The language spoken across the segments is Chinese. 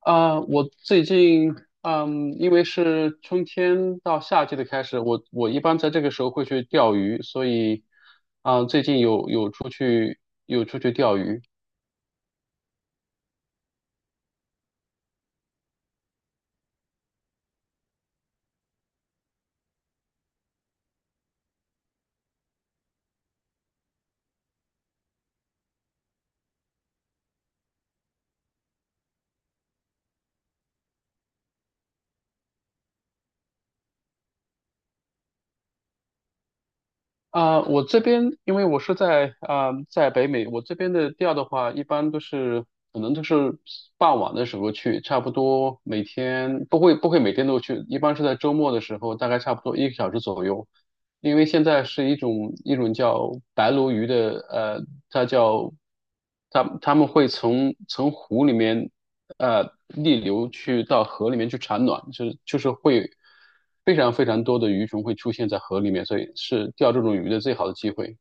我最近，因为是春天到夏季的开始，我一般在这个时候会去钓鱼，所以，最近有出去有出去钓鱼。我这边因为我是在在北美，我这边的钓的话，一般都是可能都是傍晚的时候去，差不多每天不会每天都去，一般是在周末的时候，大概差不多一个小时左右。因为现在是一种叫白鲈鱼的，它叫它们会从湖里面逆流去到河里面去产卵，就是会非常多的鱼种会出现在河里面，所以是钓这种鱼的最好的机会。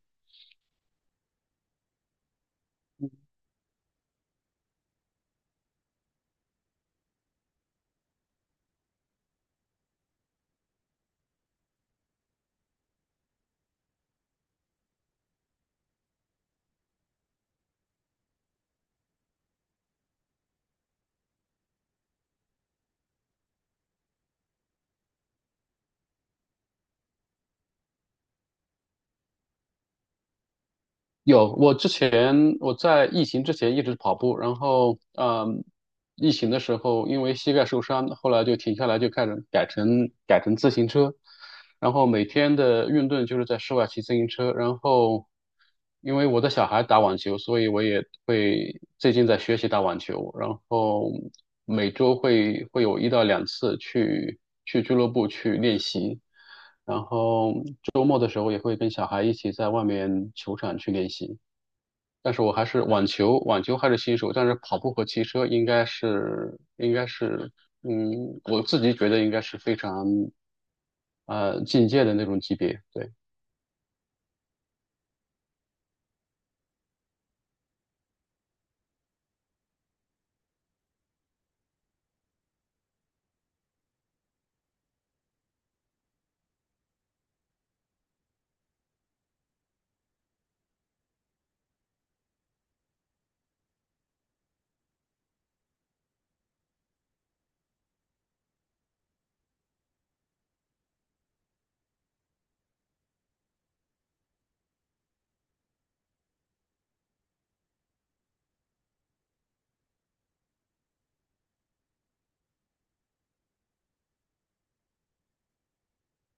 有，我之前我在疫情之前一直跑步，然后疫情的时候因为膝盖受伤，后来就停下来，就开始改成自行车，然后每天的运动就是在室外骑自行车，然后因为我的小孩打网球，所以我也会最近在学习打网球，然后每周会有一到两次去俱乐部去练习。然后周末的时候也会跟小孩一起在外面球场去练习。但是我还是网球，网球还是新手，但是跑步和骑车应该是，嗯，我自己觉得应该是非常进阶的那种级别，对。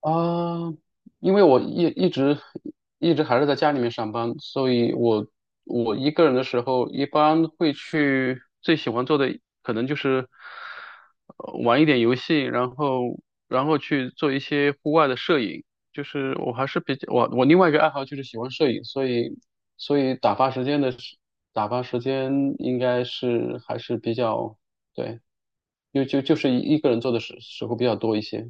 啊，因为我一直还是在家里面上班，所以我我一个人的时候，一般会去最喜欢做的可能就是玩一点游戏，然后然后去做一些户外的摄影。就是我还是比较我另外一个爱好就是喜欢摄影，所以所以打发时间应该是还是比较对，就是一个人做的时候比较多一些。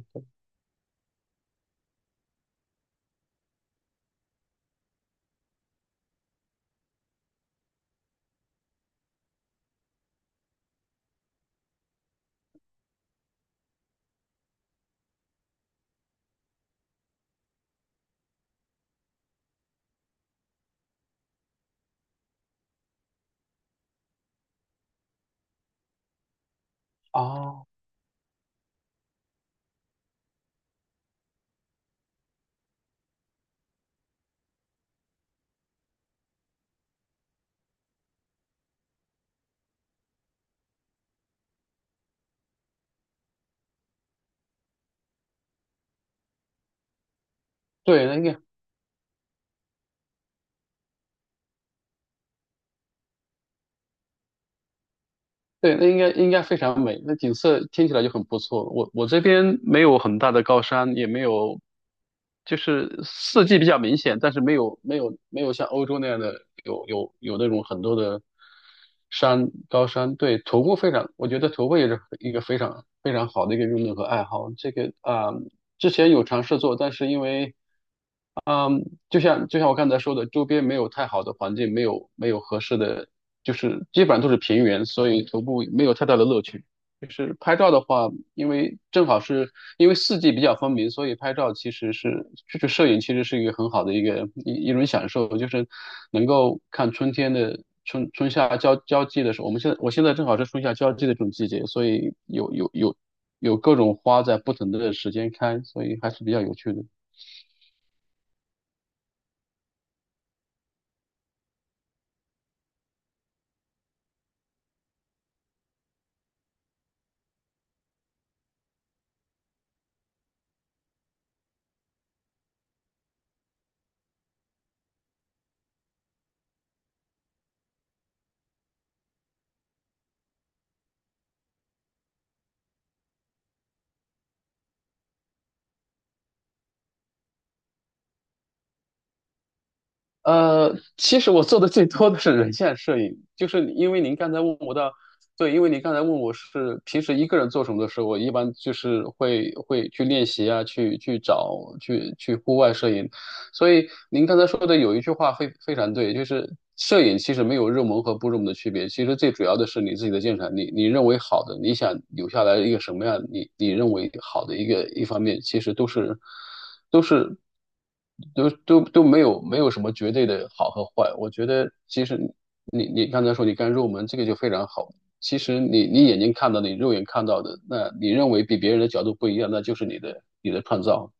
哦，对，那应该。对，那应该非常美，那景色听起来就很不错。我我这边没有很大的高山，也没有，就是四季比较明显，但是没有没有像欧洲那样的有那种很多的山高山。对，徒步非常，我觉得徒步也是一个非常非常好的一个运动和爱好。这个之前有尝试做，但是因为嗯，就像我刚才说的，周边没有太好的环境，没有合适的，就是基本上都是平原，所以徒步没有太大的乐趣。就是拍照的话，因为正好是因为四季比较分明，所以拍照其实是就是摄影其实是一个很好的一个一种享受，就是能够看春天的春夏交际的时候，我现在正好是春夏交际的这种季节，所以有有各种花在不同的时间开，所以还是比较有趣的。呃，其实我做的最多的是人像摄影，就是因为您刚才问我的，对，因为您刚才问我是平时一个人做什么的时候，我一般就是会去练习啊，去去找去去户外摄影，所以您刚才说的有一句话非常对，就是摄影其实没有入门和不入门的区别，其实最主要的是你自己的鉴赏力，你认为好的，你想留下来一个什么样，你你认为好的一个一方面，其实都是都是都都都没有什么绝对的好和坏。我觉得其实你刚才说你刚入门这个就非常好，其实你眼睛看到的，你肉眼看到的，那你认为比别人的角度不一样，那就是你的创造。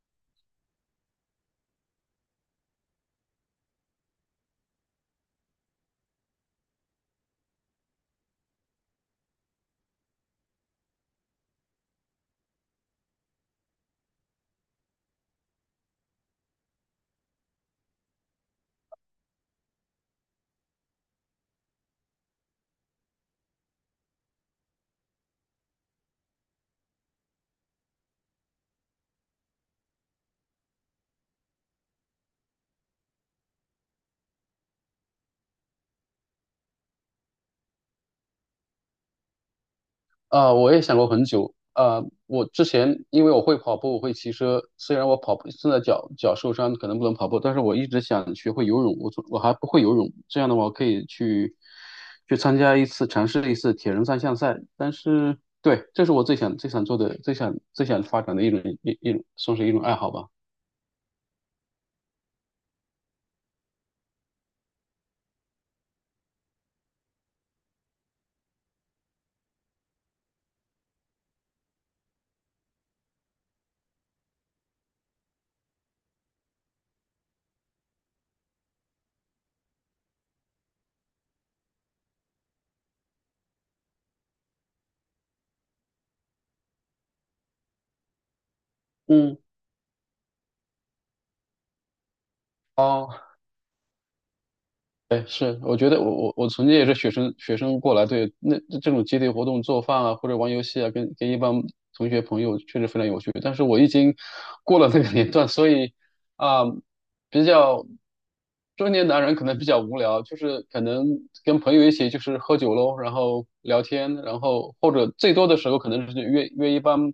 我也想过很久我之前因为我会跑步，我会骑车，虽然我跑步现在脚受伤，可能不能跑步，但是我一直想学会游泳。我从我还不会游泳，这样的话我可以去参加一次，尝试一次铁人三项赛。但是，对，这是我最想做的，最想发展的一种，算是一种爱好吧。嗯，哎，是，我觉得我曾经也是学生过来，对，那这种集体活动做饭啊，或者玩游戏啊，跟一帮同学朋友确实非常有趣。但是我已经过了那个年段，所以啊、比较中年男人可能比较无聊，就是可能跟朋友一起就是喝酒喽，然后聊天，然后或者最多的时候可能是约一帮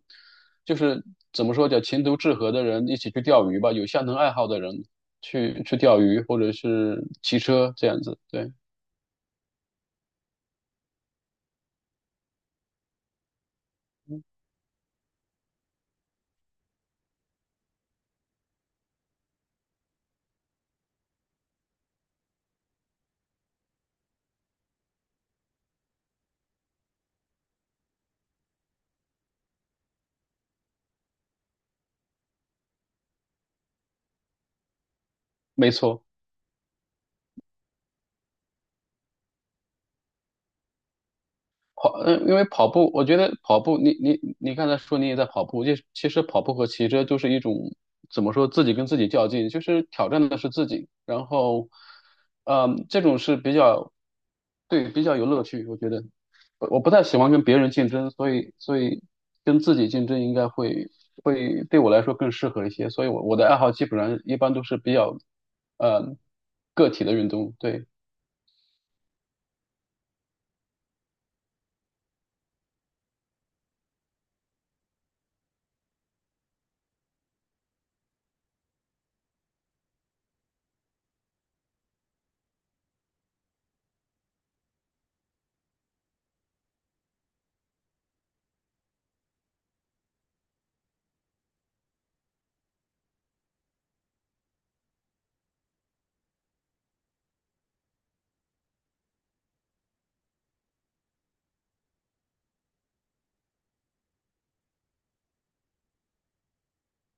就是怎么说叫情投志合的人一起去钓鱼吧，有相同爱好的人去钓鱼或者是骑车这样子。对，没错。跑，嗯，因为跑步，我觉得跑步，你刚才说你也在跑步，就其实跑步和骑车就是一种怎么说，自己跟自己较劲，就是挑战的是自己。然后，嗯，这种是比较，对，比较有乐趣，我觉得。我不太喜欢跟别人竞争，所以跟自己竞争应该会对我来说更适合一些。所以我，我的爱好基本上一般都是比较，呃，个体的运动。对，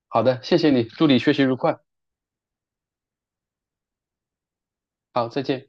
好的，谢谢你，祝你学习愉快，好，再见。